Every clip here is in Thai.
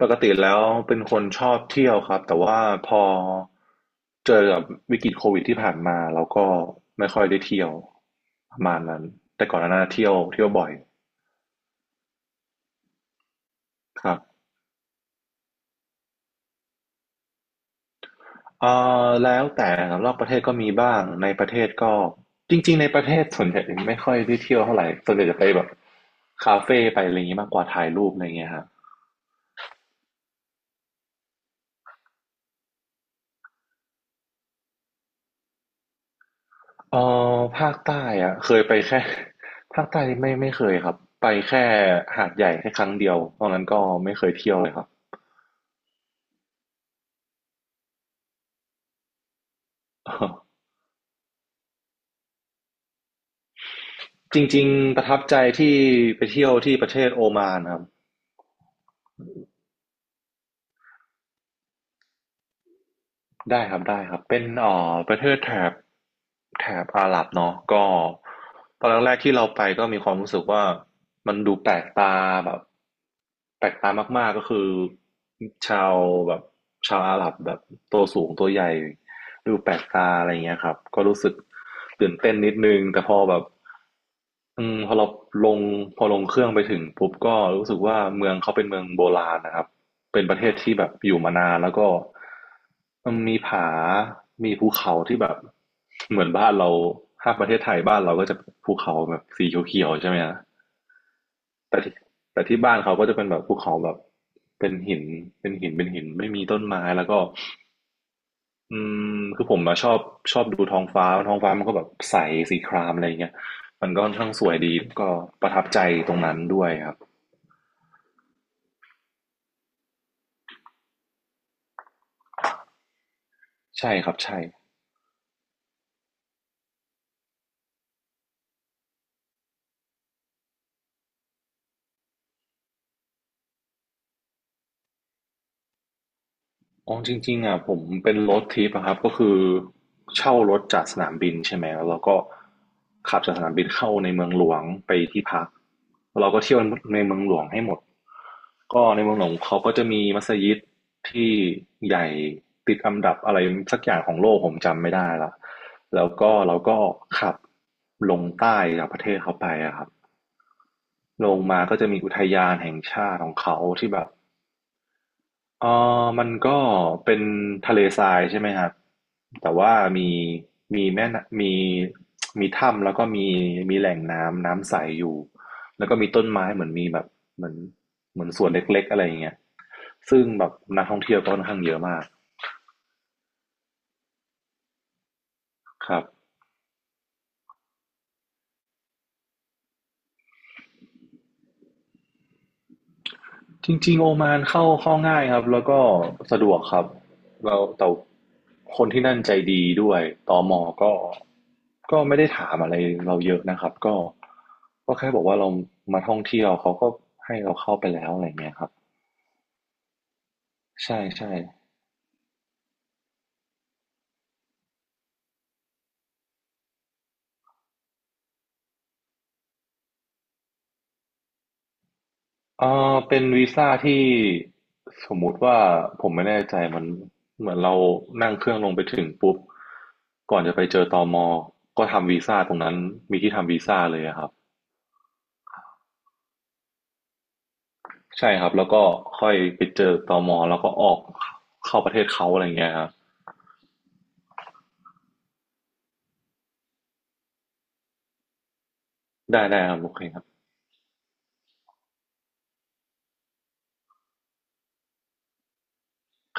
ปกติแล้วเป็นคนชอบเที่ยวครับแต่ว่าพอเจอกับวิกฤตโควิดที่ผ่านมาเราก็ไม่ค่อยได้เที่ยวประมาณนั้นแต่ก่อนหน้านั้นเที่ยวเที่ยวบ่อยครับเอ่แล้วแต่ครับรอบประเทศก็มีบ้างในประเทศก็จริงๆในประเทศส่วนใหญ่ไม่ค่อยได้เที่ยวเท่าไหร่ส่วนใหญ่จะไปแบบคาเฟ่ไปอะไรอย่างนี้มากกว่าถ่ายรูปอะไรเงี้ยครับ เอ่ภาคใต้อะเคยไปแค่ ภาคใต้ไม่เคยครับไปแค่หาดใหญ่แค่ครั้งเดียวเพราะงั้นก็ไม่เคยเที่ยวเลยครับ จริงๆประทับใจที่ไปเที่ยวที่ประเทศโอมานครับได้ครับได้ครับเป็นประเทศแถบแถบอาหรับเนาะก็ตอนแรกๆที่เราไปก็มีความรู้สึกว่ามันดูแปลกตาแบบ แปลกตามากๆก็คือชาวแบบชาวอาหรับแบบตัวสูงตัวใหญ่ดูแปลกตาอะไรเงี้ยครับก็รู้สึกตื่นเต้นนิดนึงแต่พอแบบพอเราลงพอลงเครื่องไปถึงปุ๊บก็รู้สึกว่าเมืองเขาเป็นเมืองโบราณนะครับเป็นประเทศที่แบบอยู่มานานแล้วก็มันมีผามีภูเขาที่แบบเหมือนบ้านเราถ้าประเทศไทยบ้านเราก็จะภูเขาแบบสีเขียวๆใช่ไหมฮะ แต่ที่แต่ที่บ้านเขาก็จะเป็นแบบภูเขาแบบเป็นหินเป็นหินไม่มีต้นไม้แล้วก็อืคือผมอะชอบชอบดูท้องฟ้าท้องฟ้ามันก็แบบใสสีครามอะไรอย่างเงี้ยมันก็ค่อนข้างสวยดีก็ประทับใจตรงนั้นด้วยครับใช่ครับใช่อ๋อจริงๆอ่ะผมเป็นรถทริปอะครับก็คือเช่ารถจากสนามบินใช่ไหมแล้วเราก็ขับจากสนามบินเข้าในเมืองหลวงไปที่พักแล้วเราก็เที่ยวในเมืองหลวงให้หมด ก็ในเมืองหลวงเขาก็จะมีมัสยิดที่ใหญ่ติดอันดับอะไรสักอย่างของโลกผมจำไม่ได้ละแล้วก็เราก็ขับลงใต้จากประเทศเขาไปอะครับลงมาก็จะมีอุทยานแห่งชาติของเขาที่แบบ เอ่มันก็เป็นทะเลทรายใช่ไหมครับ แต่ว่ามีมีแม่นมีมีถ้ำแล้วก็มีมีแหล่งน้ำน้ำใสอยู่แล้วก็มีต้นไม้เหมือนมีแบบเหมือนเหมือนสวนเล็กๆอะไรอย่างเงี้ยซึ่งแบบนักท่องเที่ยวก็ค่อนข้างเยอะมากครับ จริงๆโอมานเข้าง่ายครับแล้วก็สะดวกครับแล้วแต่คนที่นั่นใจดีด้วยตมก็ก็ไม่ได้ถามอะไรเราเยอะนะครับก็แค่บอกว่าเรามาท่องเที่ยวเขาก็ให้เราเข้าไปแล้วอะไรเงี้ยครับใช่ใช่เอเป็นวีซ่าที่สมมุติว่าผมไม่แน่ใจมันเหมือนเรานั่งเครื่องลงไปถึงปุ๊บก่อนจะไปเจอตมก็ทำวีซ่าตรงนั้นมีที่ทำวีซ่าเลยอะครับ ใช่ครับแล้วก็ค่อยไปเจอตมแล้วก็ออกเข้าประเทศเขาอะไรอย่างเงี้ยครับได้ได้ครับโอเคครับ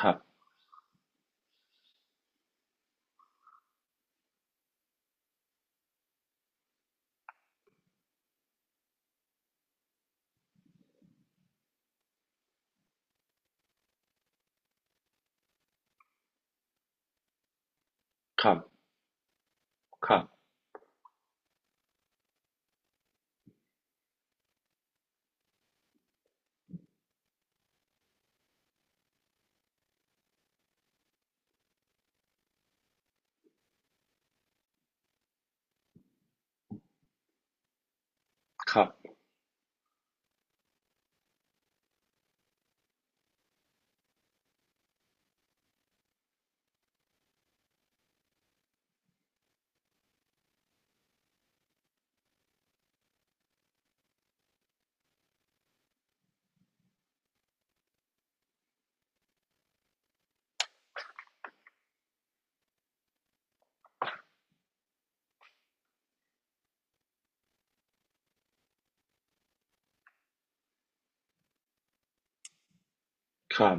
ครับครับครับครับครับ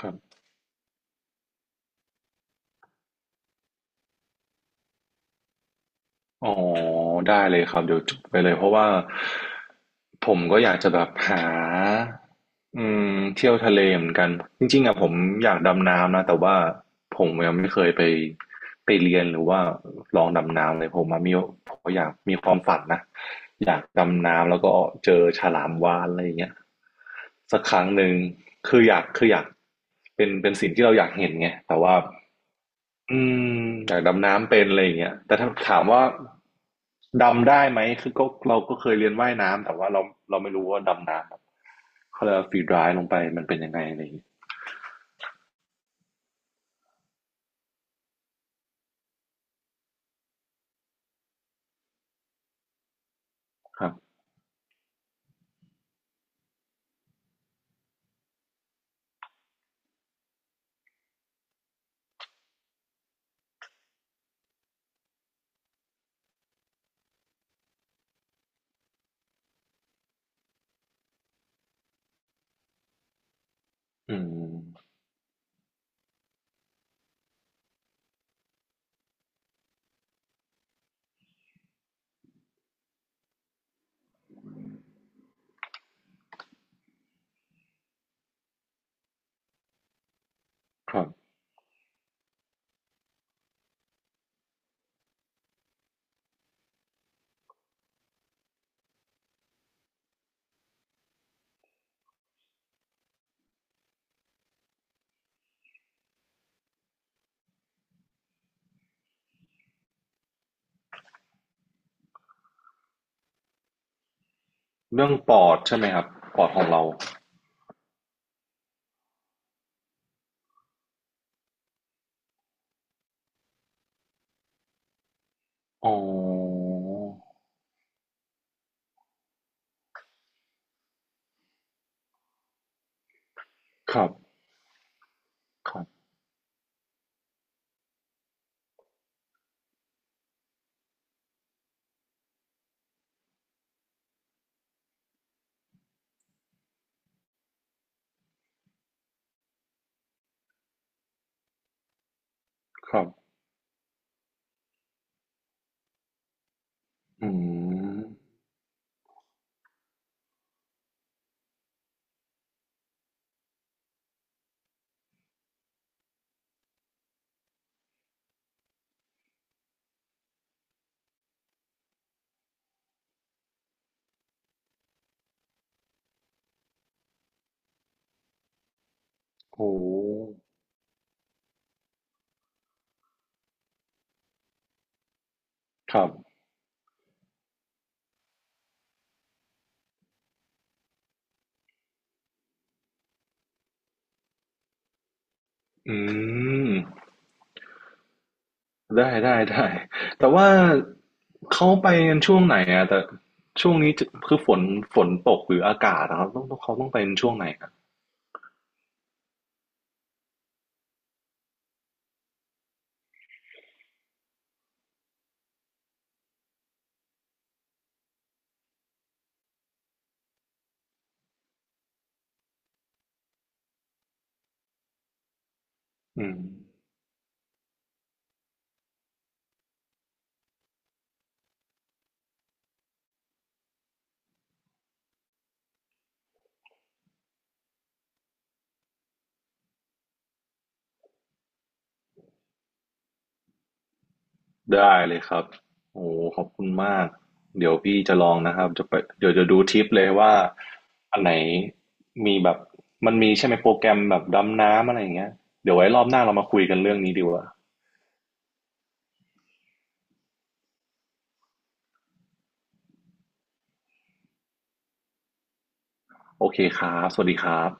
ครับอ๋อได้เลยครับเดี๋ยวจดไปเลยเพราะว่าผมก็อยากจะแบบหา อืมเที่ยวทะเลเหมือนกันจริงๆอ่ะผมอยากดำน้ำนะแต่ว่าผมยังไม่เคยไปไปเรียนหรือว่าลองดำน้ำเลยผมมามีผมอยากมีความฝันนะอยากดำน้ำแล้วก็เจอฉลามวาฬอะไรอย่างเงี้ยสักครั้งหนึ่งคืออยากเป็นเป็นสิ่งที่เราอยากเห็นไงแต่ว่าอืมอยากดำน้ำเป็นอะไรอย่างเงี้ยแต่ถ้าถามว่าดำได้ไหมคือก็เราก็เคยเรียนว่ายน้ำแต่ว่าเราไม่รู้ว่าดำน้ำ เขาเรียกว่าฟรีดร้ายลงไปมันเป็นยังไงอะไรอย่างงี้ครับอืมครับเรื่องปอดใช่ไหมครับปอดของเราอ๋อครับครับครับอืมโอ้ครับอืมได้ได้ได้แต่ว่าเขาไปกันช่วงไหนอะแต่ช่วงนี้จะคือฝนฝนตกหรืออากาศนะครับต้องเขาต้องไปกันช่วงไหนครับอืม ได้เลยครับโอ้ขอบคุณมาก เดี๋ยวพี่จะลองนะครับจะไปเดี๋ยวจะดูทิปเลยว่า อันไหนมีแบบ มันมีใช่ไหมโปรแกรมแบบดำน้ำอะไรอย่างเงี้ยเดี๋ยวไว้รอบหน้าเรามาคุยกันเรื่องนี้ดีกว่าโอเคครับ สวัสดีครับ